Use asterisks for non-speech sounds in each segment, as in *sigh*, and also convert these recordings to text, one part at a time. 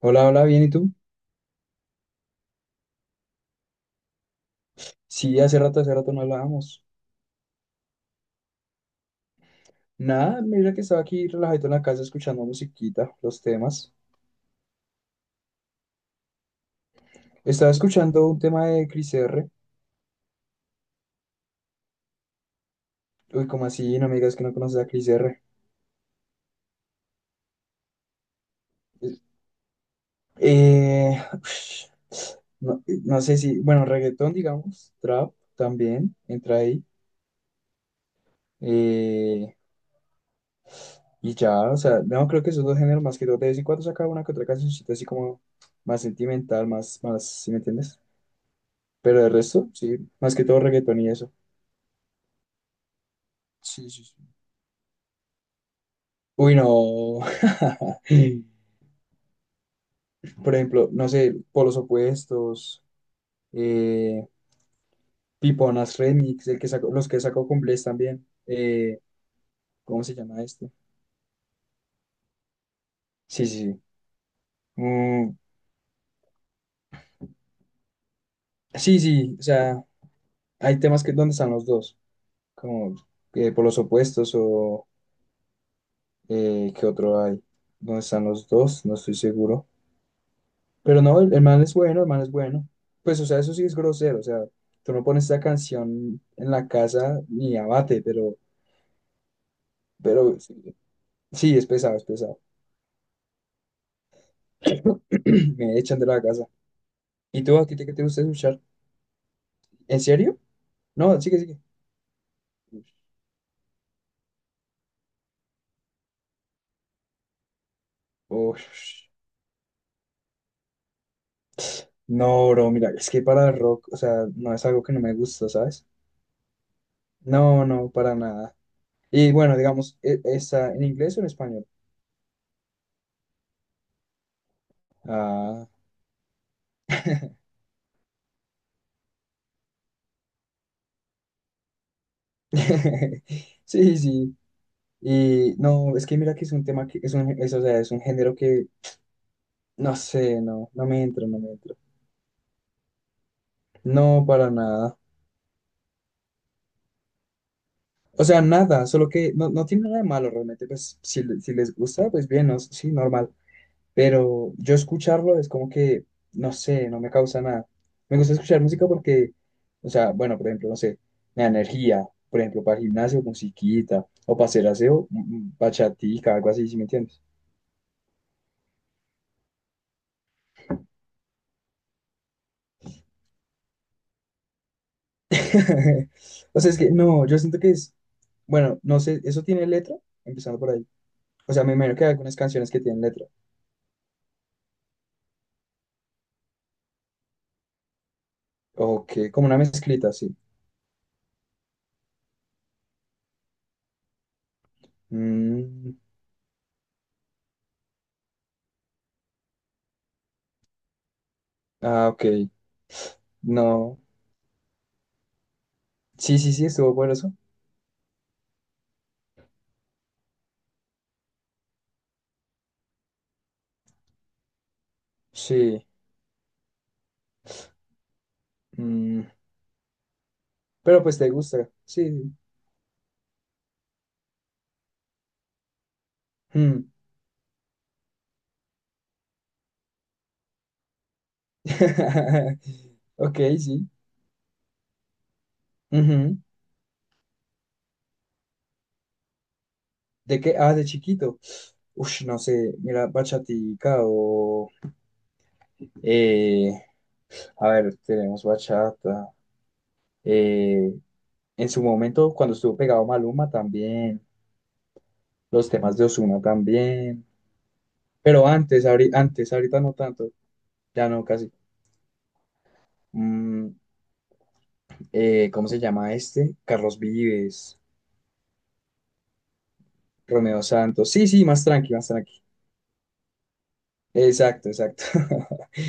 Hola, hola, bien, ¿y tú? Sí, hace rato no hablábamos. Nada, mira que estaba aquí relajadito en la casa escuchando musiquita, los temas. Estaba escuchando un tema de Cris R. Uy, ¿como así? No me digas que no conoces a Cris R. Eh, *sighs* no, no sé si, bueno, reggaetón, digamos, trap también, entra ahí. Eh, y ya, o sea, no, creo que esos dos géneros más que todo. De vez en cuando saca una que otra cancioncita así como más sentimental, más, ¿sí me entiendes? Pero el resto, sí, más que todo reggaetón y eso. Sí, sí, sí. Uy, no. *laughs* Por ejemplo, no sé, Polos Opuestos, eh, Piponas Remix, el que sacó, los que sacó Cumbles también. ¿Cómo se llama este? Sí, sí, sí. Mm, sí, sí, o sea, hay temas que donde están los dos, como Polos Opuestos o ¿qué otro hay? ¿Dónde están los dos? No estoy seguro. Pero no, el man es bueno, el man es bueno. Pues, o sea, eso sí es grosero. O sea, tú no pones esa canción en la casa ni abate, pero sí, sí, es pesado, es pesado. *clears throat* Me echan de la casa. ¿Y tú a ti qué te gusta escuchar? ¿En serio? No, sigue, sigue. Ush. No, bro, mira, es que para el rock, o sea, no es algo que no me gusta, ¿sabes? No, no, para nada. Y bueno, digamos, ¿está en inglés o en español? Ah, *laughs* sí, sí. Y no, es que mira que es un tema que es un, es, o sea, es un género que no sé, no, no me entro, no me entro. No, para nada. O sea, nada, solo que no, no tiene nada de malo realmente. Pues si, si les gusta, pues bien, no, sí, normal. Pero yo escucharlo es como que, no sé, no me causa nada. Me gusta escuchar música porque, o sea, bueno, por ejemplo, no sé, me da energía, por ejemplo, para el gimnasio, musiquita, o para hacer aseo, bachatica, algo así, ¿sí me entiendes? *laughs* O sea, es que no, yo siento que es, bueno, no sé, ¿eso tiene letra? Empezando por ahí. O sea, me imagino que hay algunas canciones que tienen letra. O que, como una mezclita, sí. Mm, ah, ok. No. Sí, sí, sí, estuvo bueno eso. Sí. Mm, pero pues te gusta. Sí. Mm. *laughs* Ok, sí. Ujú. ¿De qué? Ah, de chiquito. Uf, no sé, mira, bachatica o... eh, a ver, tenemos bachata. Eh, en su momento, cuando estuvo pegado Maluma también, los temas de Ozuna también, pero antes, antes, ahorita no tanto, ya no casi. Mm, ¿cómo se llama este? Carlos Vives, Romeo Santos. Sí, sí, más tranqui, más tranqui. Exacto, exacto. *laughs*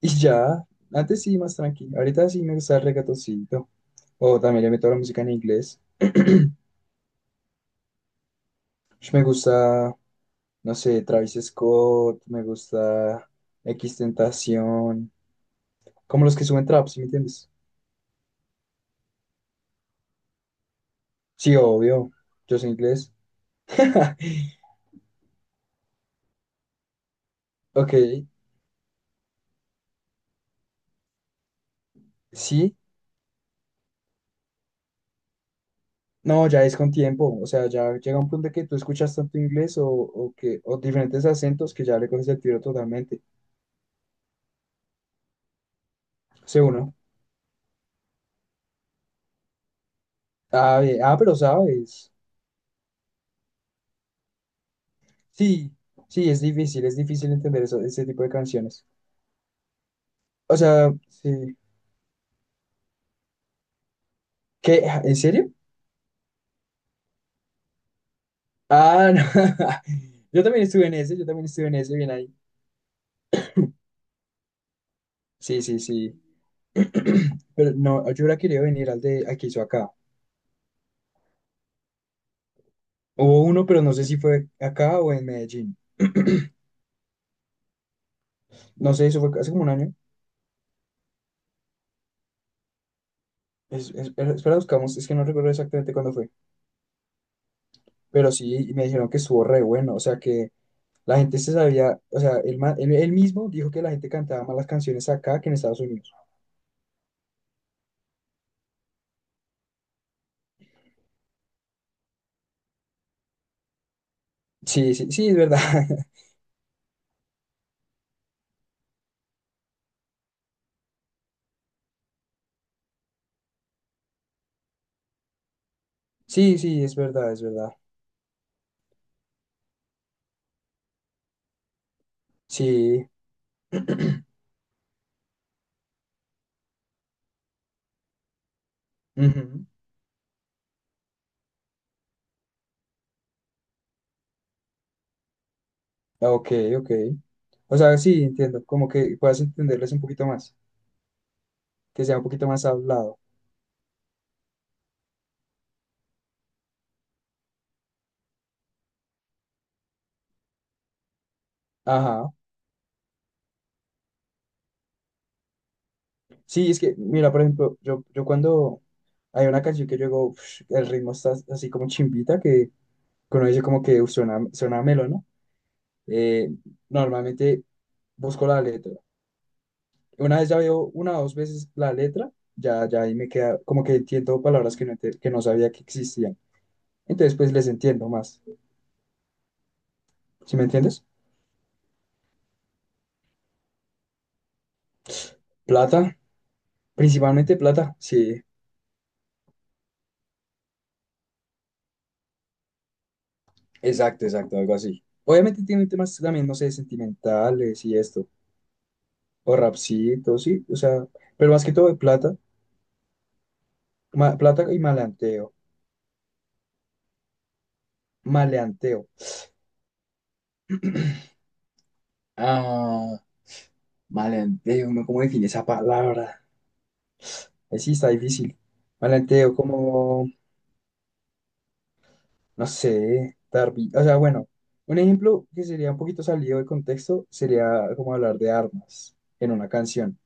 Y ya, antes sí, más tranqui. Ahorita sí me gusta el reggaetoncito. O también le meto la música en inglés. *clears throat* Me gusta, no sé, Travis Scott, me gusta Tentación, como los que suben trap, ¿sí me entiendes? Sí, obvio, yo soy inglés. *laughs* Ok, sí, no, ya es con tiempo, o sea, ya llega un punto de que tú escuchas tanto inglés o que, o diferentes acentos que ya le coges el tiro totalmente, sé uno. Ah, bien, ah, pero sabes, sí, sí, es difícil entender eso, ese tipo de canciones. O sea, sí, ¿qué? ¿En serio? Ah, no. *laughs* Yo también estuve en ese, yo también estuve en ese, bien ahí. Sí, sí, sí. *clears throat* Pero no, yo hubiera querido venir al de al que hizo acá. Hubo uno, pero no sé si fue acá o en Medellín. *clears throat* No sé, eso fue hace como un año. Espera, espera, buscamos, es que no recuerdo exactamente cuándo fue. Pero sí, y me dijeron que estuvo re bueno. O sea, que la gente se sabía, o sea, él, él, él mismo dijo que la gente cantaba más las canciones acá que en Estados Unidos. Sí, sí, sí, es verdad. *laughs* Sí, sí, es verdad, es verdad. Sí. *clears throat* Ujú. Ah, ok, ok. O sea, sí, entiendo, como que puedas entenderles un poquito más, que sea un poquito más hablado. Ajá. Sí, es que, mira, por ejemplo, yo cuando hay una canción que yo digo, "Ush, el ritmo está así como chimbita", que uno dice como que "Uf, suena, suena melo, ¿no?". Eh, Normalmente busco la letra. Una vez ya veo una o dos veces la letra, ya, ya ahí me queda, como que entiendo palabras que no, que no sabía que existían. Entonces, pues les entiendo más. ¿Sí me entiendes? Plata, principalmente plata, sí. Exacto, exacto, algo así. Obviamente tiene temas también, no sé, sentimentales y esto, o rapcitos, sí, o sea, pero más que todo de plata, plata y maleanteo, maleanteo. *clears throat* Ah, maleanteo, ¿no? ¿Cómo define esa palabra? Sí, está difícil. Maleanteo, como, no sé, darby. O sea, bueno, un ejemplo que sería un poquito salido de contexto sería como hablar de armas en una canción.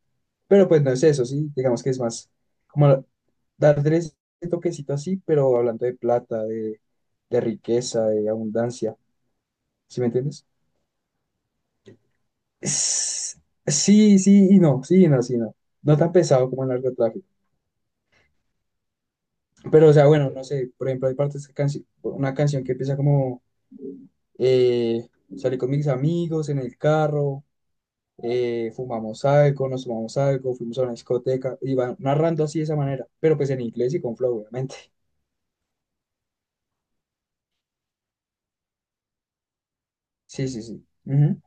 Pero pues no es eso, sí, digamos que es más como darle ese toquecito así, pero hablando de plata, de riqueza, de abundancia, ¿sí me entiendes? Es- Sí, sí y no, sí y no, sí y no. No tan pesado como el narcotráfico. Pero, o sea, bueno, no sé, por ejemplo, hay partes que una canción que empieza como eh, salí con mis amigos en el carro, fumamos algo, nos fumamos algo, fuimos a una discoteca, y van narrando así de esa manera, pero pues en inglés y con flow, obviamente. Sí, sí, sí. Ujú.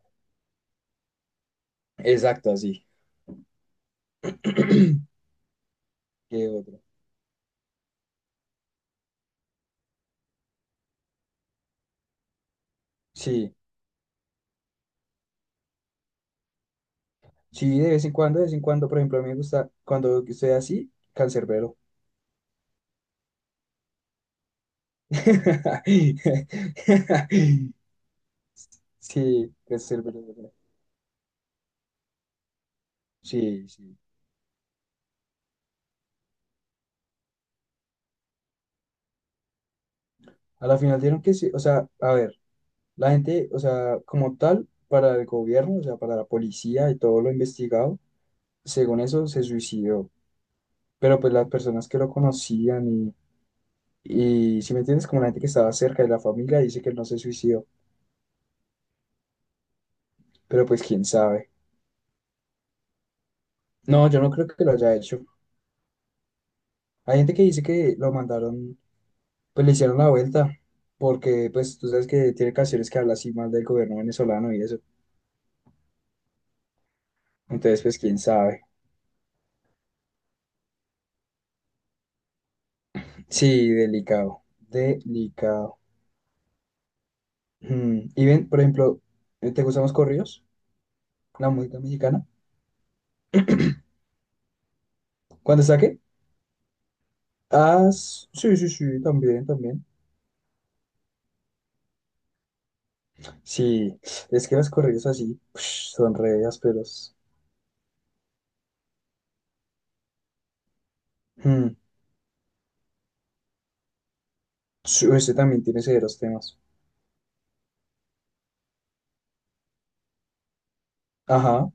Exacto, así. *clears throat* ¿Qué otro? Sí, sí, de vez en cuando, de vez en cuando, por ejemplo, a mí me gusta cuando estoy así, Cancerbero. *laughs* Sí, Cancerbero. Sí, sí. A la final dieron que sí, o sea, a ver, la gente, o sea, como tal, para el gobierno, o sea, para la policía y todo lo investigado, según eso, se suicidó. Pero pues las personas que lo conocían y si me entiendes, como la gente que estaba cerca de la familia, dice que él no se suicidó. Pero pues quién sabe. No, yo no creo que lo haya hecho. Hay gente que dice que lo mandaron, pues le hicieron la vuelta, porque pues tú sabes que tiene canciones que habla así mal del gobierno venezolano y eso. Entonces, pues quién sabe. Sí, delicado, delicado. Mm, y ven, por ejemplo, ¿te gustan los corridos? La música mexicana. ¿Cuándo saqué? Ah, sí, sí, sí, también, también. Sí, es que los corridos así, *sniffs* son re ásperos. Mm, sí, ese también tiene severos temas. Ajá.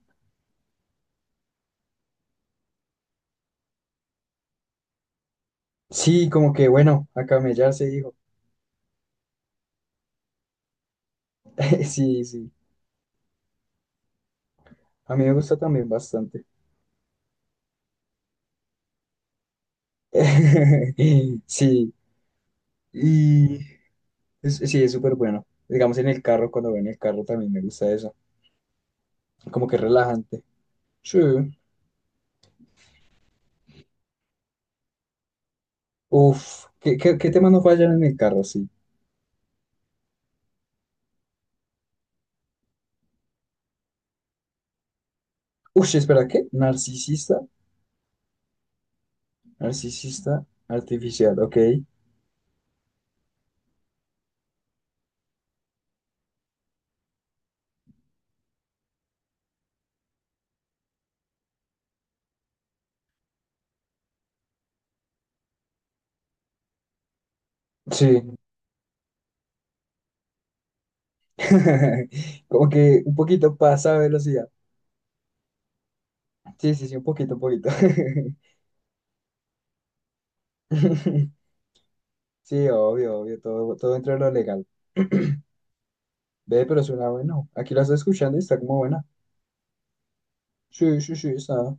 Sí, como que bueno, a camellar se dijo. *laughs* Sí, sí. A mí me gusta también bastante. *laughs* Sí, y sí, es súper bueno. Digamos en el carro, cuando voy en el carro también me gusta eso. Como que relajante. Sí. Uf, ¿qué, qué, qué temas no fallan en el carro? Sí. Uf, espera, ¿qué? Narcisista, narcisista artificial, ok. Sí. *laughs* Como que un poquito pasa a velocidad. Sí, sí, sí, un poquito, un poquito. *laughs* Sí, obvio, obvio, todo, todo dentro de lo legal. *clears throat* Ve, pero suena bueno. Aquí la estoy escuchando y está como buena. Sí, sí, sí, está.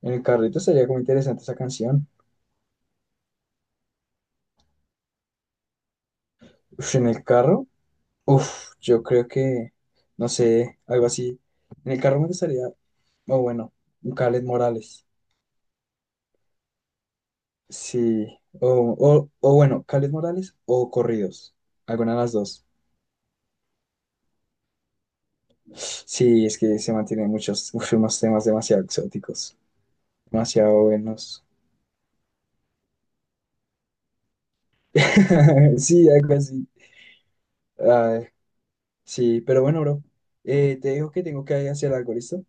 En el carrito sería como interesante esa canción. Uf, en el carro, uf, yo creo que, no sé, algo así. En el carro me gustaría, o bueno, un Kaleth Morales. Sí, o, o bueno, Kaleth Morales o Corridos. Alguna de las dos. Sí, es que se mantienen muchos, *laughs* uf, unos temas demasiado exóticos, demasiado buenos. *laughs* Sí, algo así. Ay, sí, pero bueno, bro. Te digo que tengo que hacer algo, ¿listo?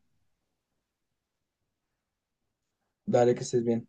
Dale, que estés bien.